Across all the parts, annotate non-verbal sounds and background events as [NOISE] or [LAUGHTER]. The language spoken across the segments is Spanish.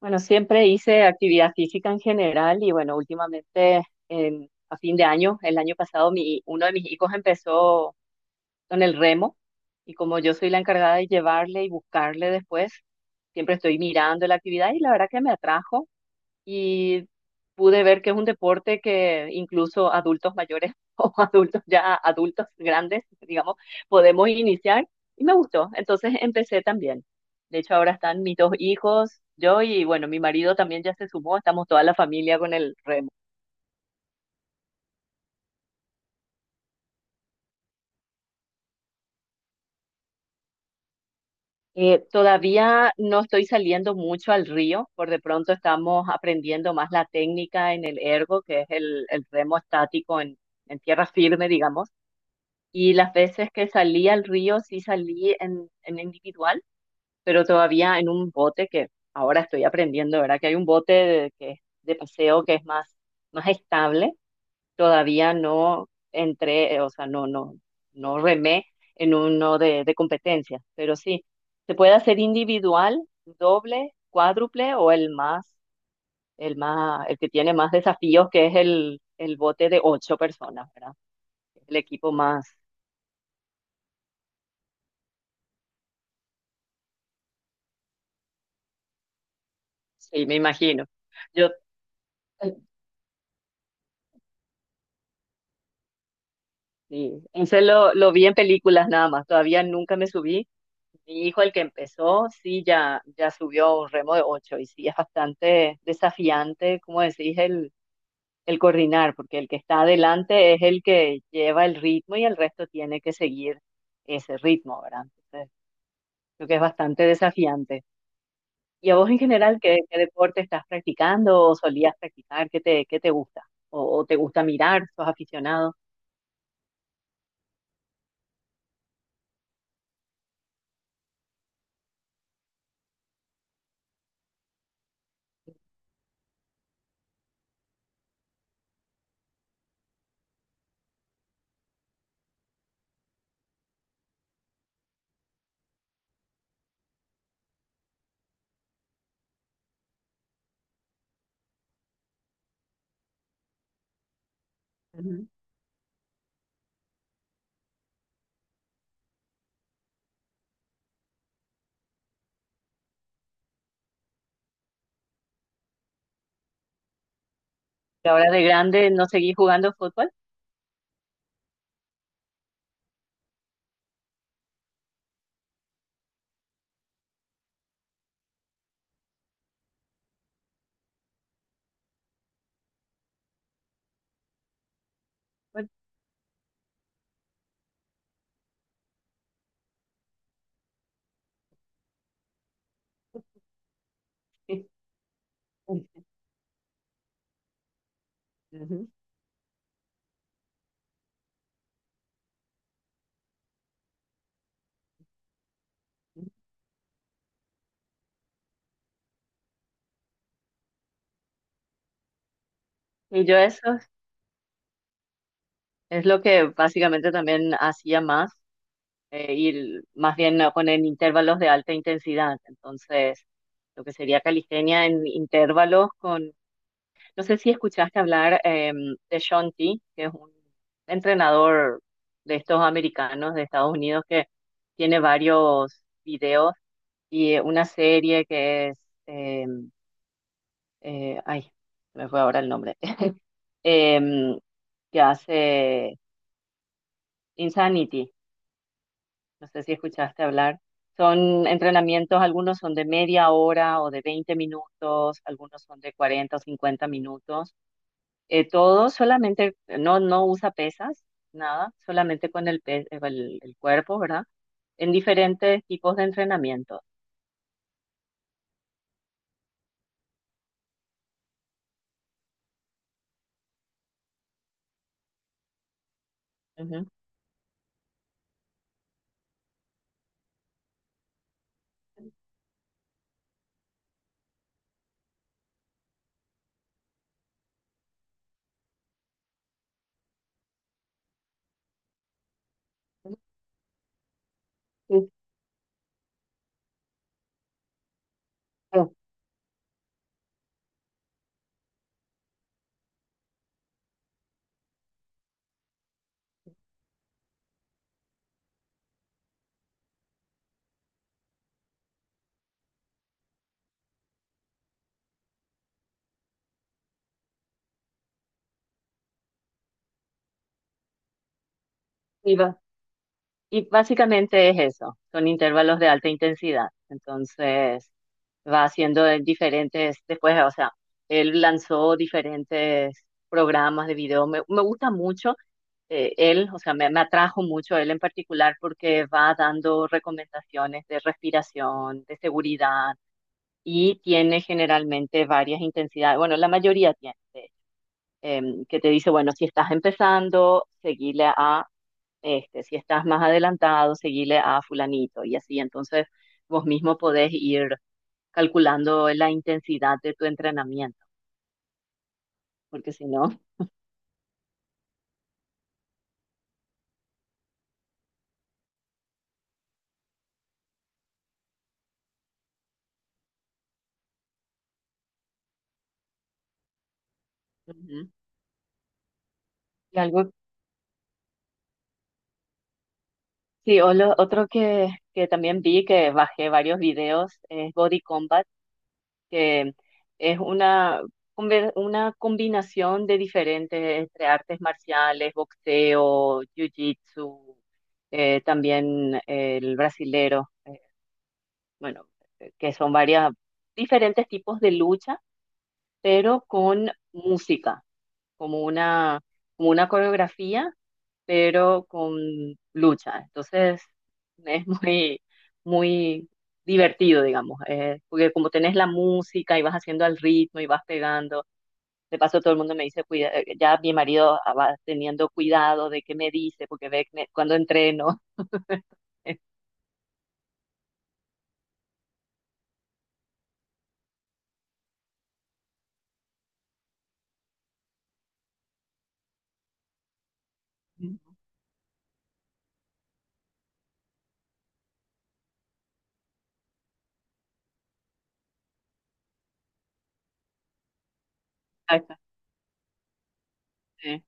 Bueno, siempre hice actividad física en general y bueno, últimamente a fin de año, el año pasado, uno de mis hijos empezó con el remo y como yo soy la encargada de llevarle y buscarle después, siempre estoy mirando la actividad y la verdad que me atrajo y pude ver que es un deporte que incluso adultos mayores [LAUGHS] o adultos ya adultos grandes, digamos, podemos iniciar y me gustó. Entonces empecé también. De hecho, ahora están mis dos hijos, yo y bueno, mi marido también ya se sumó, estamos toda la familia con el remo. Todavía no estoy saliendo mucho al río, por de pronto estamos aprendiendo más la técnica en el ergo, que es el remo estático en tierra firme, digamos. Y las veces que salí al río, sí salí en individual, pero todavía en un bote que ahora estoy aprendiendo, ¿verdad? Que hay un bote de paseo que es más estable, todavía no entré, o sea, no, no, no remé en uno de competencia, pero sí, se puede hacer individual, doble, cuádruple o el más, el que tiene más desafíos, que es el bote de ocho personas, ¿verdad? El equipo más, sí, me imagino. Yo, eh, sí, ese lo vi en películas nada más, todavía nunca me subí. Mi hijo, el que empezó, sí, ya subió un remo de ocho y sí, es bastante desafiante, como decís, el coordinar, porque el que está adelante es el que lleva el ritmo y el resto tiene que seguir ese ritmo, ¿verdad? Entonces, creo que es bastante desafiante. ¿Y a vos en general qué deporte estás practicando o solías practicar? ¿Qué te gusta? ¿O te gusta mirar? ¿Sos aficionado? Ujú. ¿Y ahora de grande no seguís jugando fútbol? Bueno, sí. Ujú. Y yo eso es lo que básicamente también hacía más. Y más bien poner intervalos de alta intensidad. Entonces, lo que sería calistenia en intervalos con, no sé si escuchaste hablar de Shonti, que es un entrenador de estos americanos de Estados Unidos que tiene varios videos y una serie que es, em, eh, ay, se me fue ahora el nombre, [LAUGHS] em, que hace Insanity. No sé si escuchaste hablar. Son entrenamientos, algunos son de media hora o de 20 minutos, algunos son de 40 o 50 minutos. Todo solamente, no, no usa pesas, nada, solamente con el cuerpo, ¿verdad? En diferentes tipos de entrenamiento. Ujú. Sí, sí, sí, y básicamente es eso, son intervalos de alta intensidad. Entonces va haciendo de diferentes, después, o sea, él lanzó diferentes programas de video. Me gusta mucho él, o sea, me atrajo mucho él en particular porque va dando recomendaciones de respiración, de seguridad y tiene generalmente varias intensidades. Bueno, la mayoría tiene, que te dice, bueno, si estás empezando, seguile a este, si estás más adelantado, seguile a fulanito y así. Entonces, vos mismo podés ir calculando la intensidad de tu entrenamiento, porque si no. Ujú. Y algo, sí, o otro que, también vi, que bajé varios videos, es Body Combat, que es una combinación de diferentes entre artes marciales, boxeo, jiu-jitsu, también el brasilero. Bueno, que son varias, diferentes tipos de lucha, pero con música, como una, como una coreografía, pero con lucha. Entonces, es muy, muy divertido, digamos, porque como tenés la música y vas haciendo al ritmo y vas pegando, de paso todo el mundo me dice, cuida, ya mi marido va teniendo cuidado de qué me dice, porque ve que cuando entreno. [LAUGHS] Ajá, sí.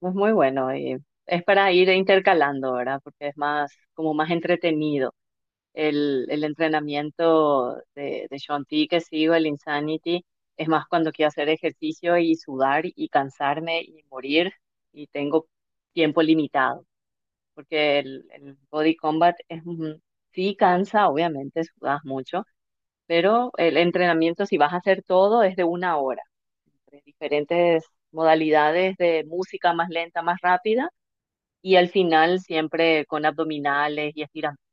Es muy bueno y es para ir intercalando, ¿verdad? Porque es más, como más entretenido. El entrenamiento de Shaun T que sigo, el Insanity, es más cuando quiero hacer ejercicio y sudar y cansarme y morir y tengo tiempo limitado. Porque el Body Combat es, sí cansa, obviamente, sudas mucho, pero el entrenamiento, si vas a hacer todo, es de una hora, entre diferentes modalidades de música más lenta, más rápida y al final siempre con abdominales y estiramientos.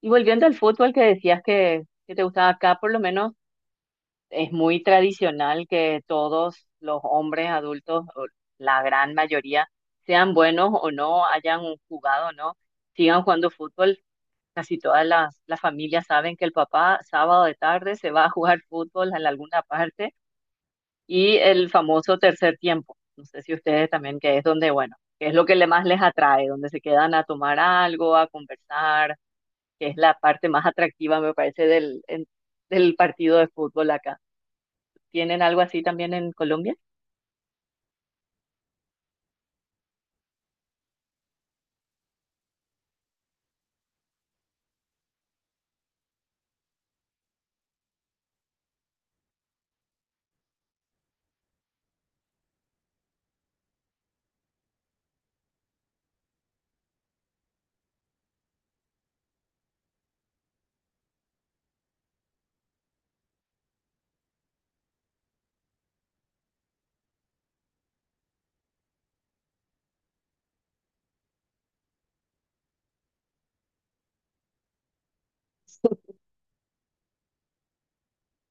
Y volviendo al fútbol que decías que te gustaba, acá, por lo menos, es muy tradicional que todos los hombres adultos, o la gran mayoría, sean buenos o no, hayan jugado o no, sigan jugando fútbol. Casi todas las familias saben que el papá sábado de tarde se va a jugar fútbol en alguna parte y el famoso tercer tiempo. No sé si ustedes también, que es donde, bueno, que es lo que le más les atrae, donde se quedan a tomar algo, a conversar, que es la parte más atractiva, me parece, del partido de fútbol acá. ¿Tienen algo así también en Colombia?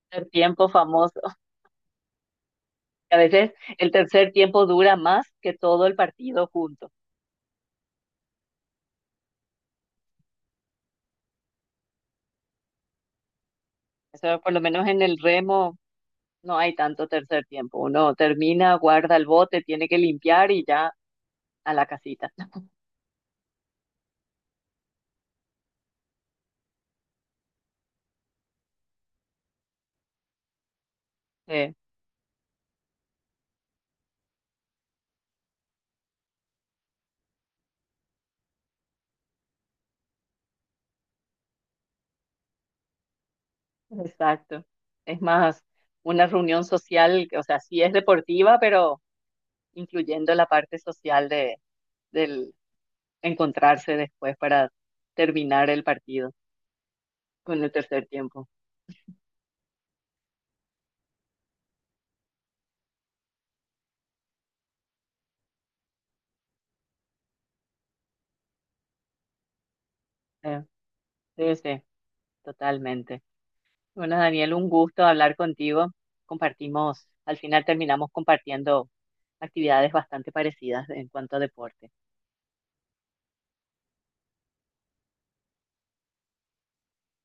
El tiempo famoso. [LAUGHS] A veces el tercer tiempo dura más que todo el partido junto. Eso, por lo menos en el remo, no hay tanto tercer tiempo. Uno termina, guarda el bote, tiene que limpiar y ya a la casita. [LAUGHS] Sí. Exacto. Es más una reunión social, o sea, sí es deportiva, pero incluyendo la parte social del encontrarse después para terminar el partido con el tercer tiempo. Eh, sí, sí, totalmente. Bueno, Daniel, un gusto hablar contigo. Compartimos, al final terminamos compartiendo actividades bastante parecidas en cuanto a deporte.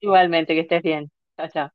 Igualmente, que estés bien. Chao, chao.